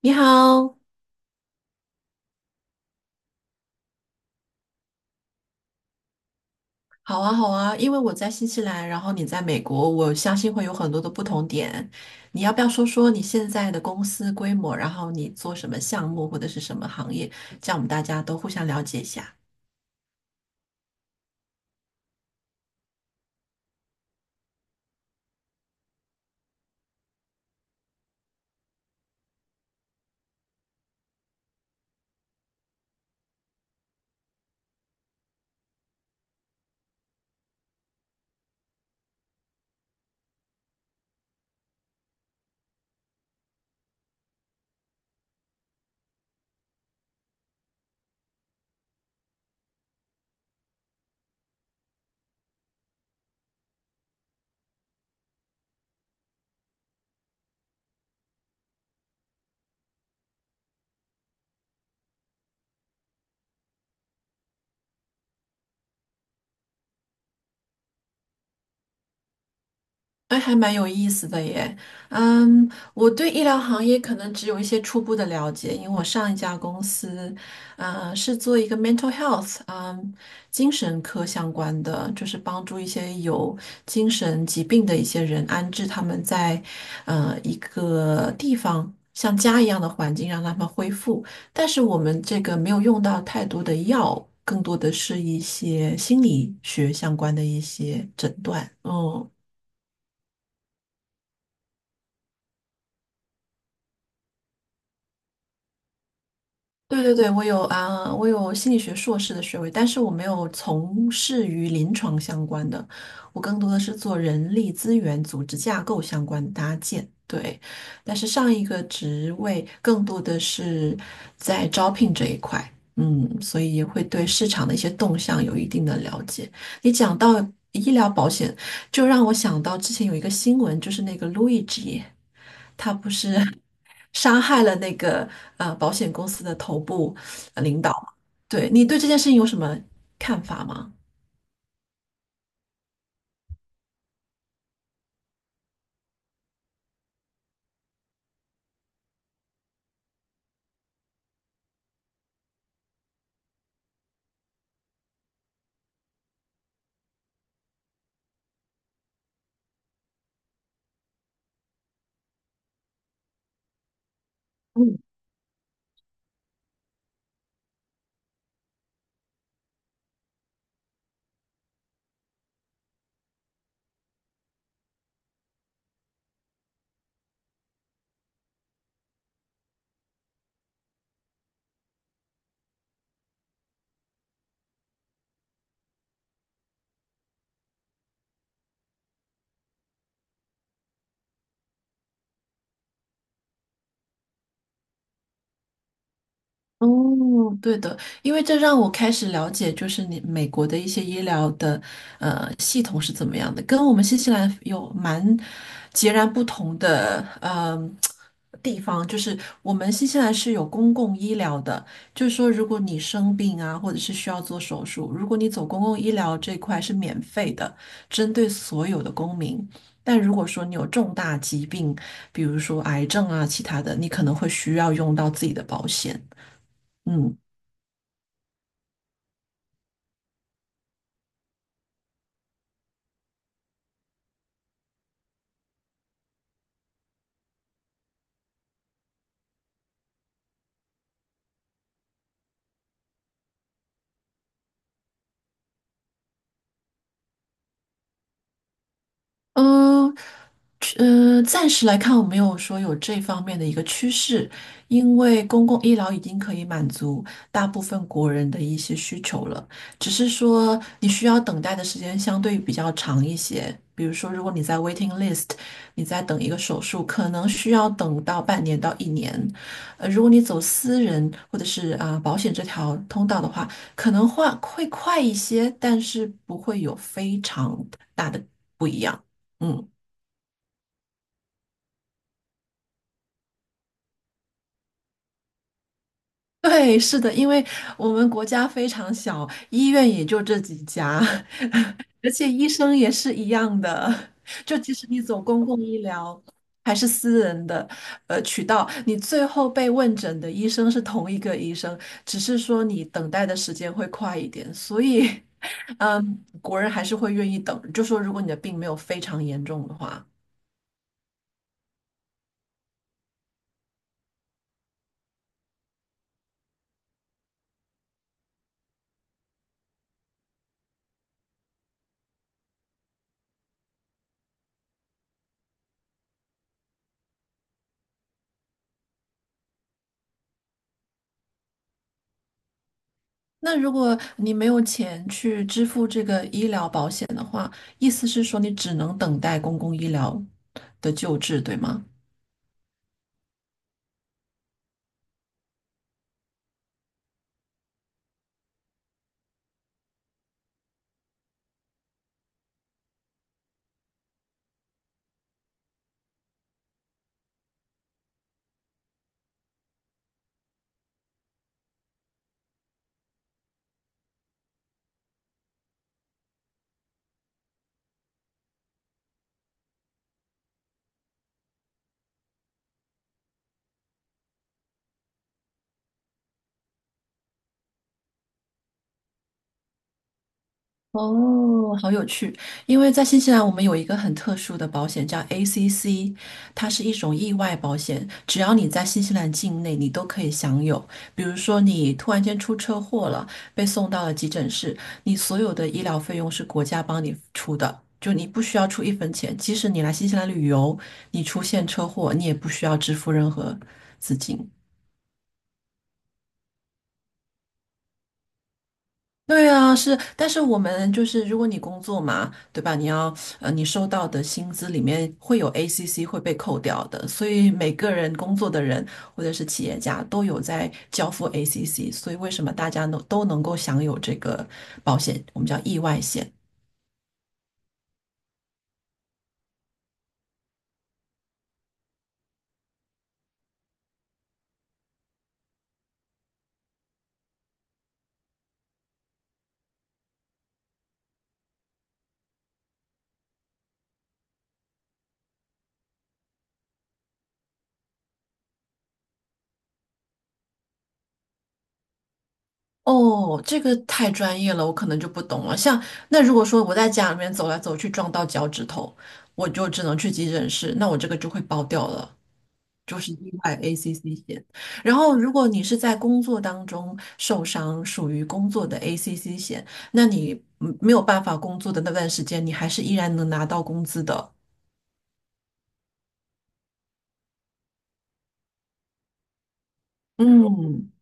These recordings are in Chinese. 你好。好啊，好啊，因为我在新西兰，然后你在美国，我相信会有很多的不同点。你要不要说说你现在的公司规模，然后你做什么项目或者是什么行业，这样我们大家都互相了解一下。哎，还蛮有意思的耶。嗯，我对医疗行业可能只有一些初步的了解，因为我上一家公司，是做一个 mental health，嗯，精神科相关的，就是帮助一些有精神疾病的一些人安置他们在，一个地方。像家一样的环境让他们恢复，但是我们这个没有用到太多的药，更多的是一些心理学相关的一些诊断。嗯。对对对，我有啊，我有心理学硕士的学位，但是我没有从事于临床相关的，我更多的是做人力资源、组织架构相关的搭建。对，但是上一个职位更多的是在招聘这一块，嗯，所以会对市场的一些动向有一定的了解。你讲到医疗保险，就让我想到之前有一个新闻，就是那个路易吉。他不是 杀害了那个保险公司的头部领导嘛？对你对这件事情有什么看法吗？嗯。哦，对的，因为这让我开始了解，就是你美国的一些医疗的系统是怎么样的，跟我们新西兰有蛮截然不同的地方，就是我们新西兰是有公共医疗的，就是说如果你生病啊，或者是需要做手术，如果你走公共医疗这块是免费的，针对所有的公民。但如果说你有重大疾病，比如说癌症啊，其他的，你可能会需要用到自己的保险。嗯嗯。暂时来看，我没有说有这方面的一个趋势，因为公共医疗已经可以满足大部分国人的一些需求了，只是说你需要等待的时间相对比较长一些。比如说，如果你在 waiting list，你在等一个手术，可能需要等到半年到一年。如果你走私人或者是啊、保险这条通道的话，可能会快一些，但是不会有非常大的不一样。嗯。对，是的，因为我们国家非常小，医院也就这几家，而且医生也是一样的。就即使你走公共医疗还是私人的渠道，你最后被问诊的医生是同一个医生，只是说你等待的时间会快一点。所以，国人还是会愿意等，就说如果你的病没有非常严重的话。那如果你没有钱去支付这个医疗保险的话，意思是说你只能等待公共医疗的救治，对吗？哦，好有趣！因为在新西兰，我们有一个很特殊的保险叫 ACC，它是一种意外保险，只要你在新西兰境内，你都可以享有。比如说，你突然间出车祸了，被送到了急诊室，你所有的医疗费用是国家帮你出的，就你不需要出一分钱。即使你来新西兰旅游，你出现车祸，你也不需要支付任何资金。对啊，是，但是我们就是，如果你工作嘛，对吧？你要，你收到的薪资里面会有 ACC 会被扣掉的，所以每个人工作的人或者是企业家都有在交付 ACC，所以为什么大家能都能够享有这个保险，我们叫意外险。哦，这个太专业了，我可能就不懂了。像那如果说我在家里面走来走去撞到脚趾头，我就只能去急诊室，那我这个就会包掉了。就是意外 ACC 险。然后，如果你是在工作当中受伤，属于工作的 ACC 险，那你没有办法工作的那段时间，你还是依然能拿到工资的。嗯，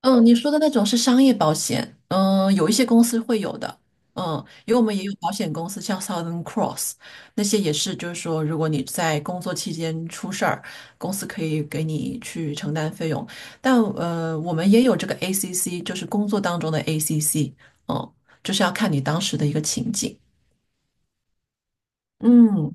嗯。你说的那种是商业保险，嗯，有一些公司会有的，嗯，因为我们也有保险公司，像 Southern Cross 那些也是，就是说，如果你在工作期间出事儿，公司可以给你去承担费用。但我们也有这个 ACC，就是工作当中的 ACC，嗯，就是要看你当时的一个情景。嗯，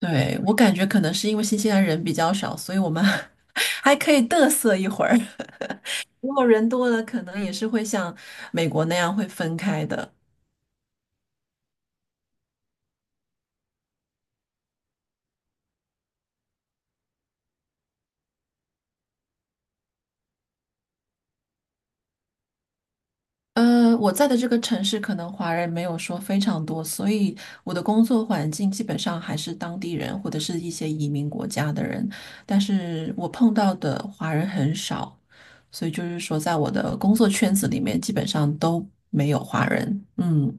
对，我感觉可能是因为新西兰人比较少，所以我们 还可以嘚瑟一会儿。如果人多了，可能也是会像美国那样会分开的。我在的这个城市可能华人没有说非常多，所以我的工作环境基本上还是当地人或者是一些移民国家的人，但是我碰到的华人很少，所以就是说在我的工作圈子里面基本上都没有华人。嗯。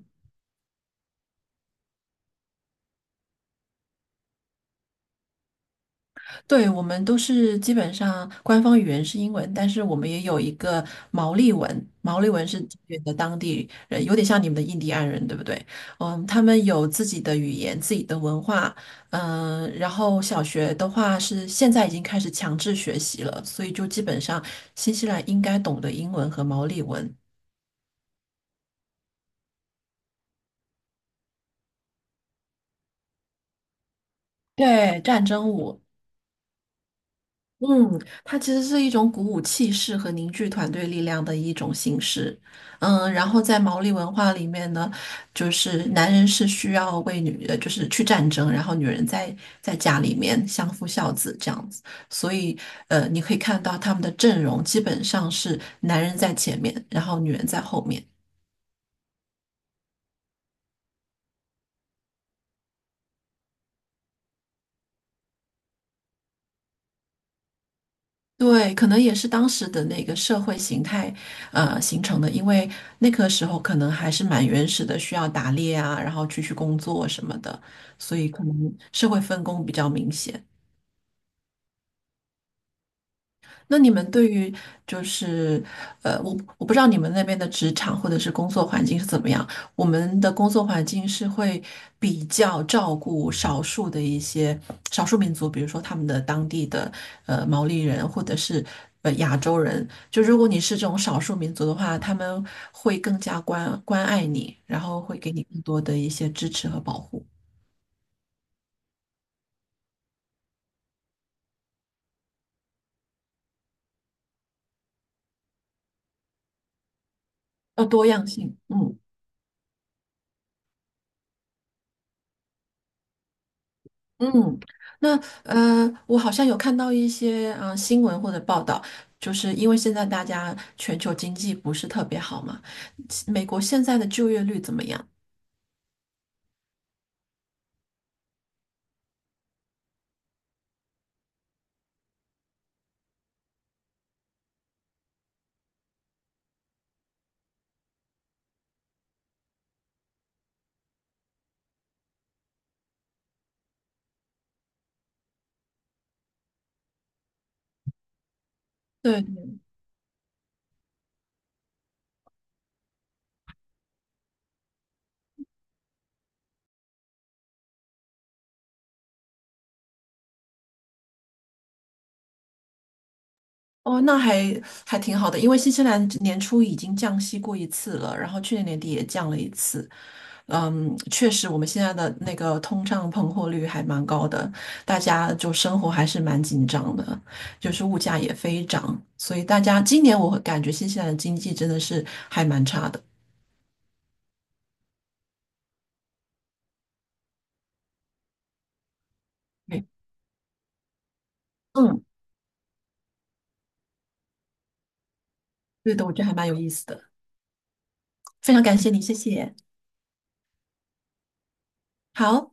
对，我们都是基本上官方语言是英文，但是我们也有一个毛利文，毛利文是这边的当地人，有点像你们的印第安人，对不对？嗯，他们有自己的语言、自己的文化，嗯，然后小学的话是现在已经开始强制学习了，所以就基本上新西兰应该懂得英文和毛利文。对，战争舞，嗯，它其实是一种鼓舞气势和凝聚团队力量的一种形式。嗯，然后在毛利文化里面呢，就是男人是需要为女，就是去战争，然后女人在家里面相夫教子这样子。所以，你可以看到他们的阵容基本上是男人在前面，然后女人在后面。对，可能也是当时的那个社会形态，形成的。因为那个时候可能还是蛮原始的，需要打猎啊，然后出去工作什么的，所以可能社会分工比较明显。那你们对于就是我不知道你们那边的职场或者是工作环境是怎么样。我们的工作环境是会比较照顾少数的一些少数民族，比如说他们的当地的毛利人或者是亚洲人。就如果你是这种少数民族的话，他们会更加关爱你，然后会给你更多的一些支持和保护，要多样性。嗯。嗯，那我好像有看到一些新闻或者报道，就是因为现在大家全球经济不是特别好嘛，美国现在的就业率怎么样？对，哦，那还挺好的，因为新西兰年初已经降息过一次了，然后去年年底也降了一次，嗯，确实，我们现在的那个通胀膨货率还蛮高的，大家就生活还是蛮紧张的，就是物价也飞涨，所以大家今年我会感觉新西兰的经济真的是还蛮差的。对，嗯，对的，我觉得还蛮有意思的，非常感谢你，谢谢。好。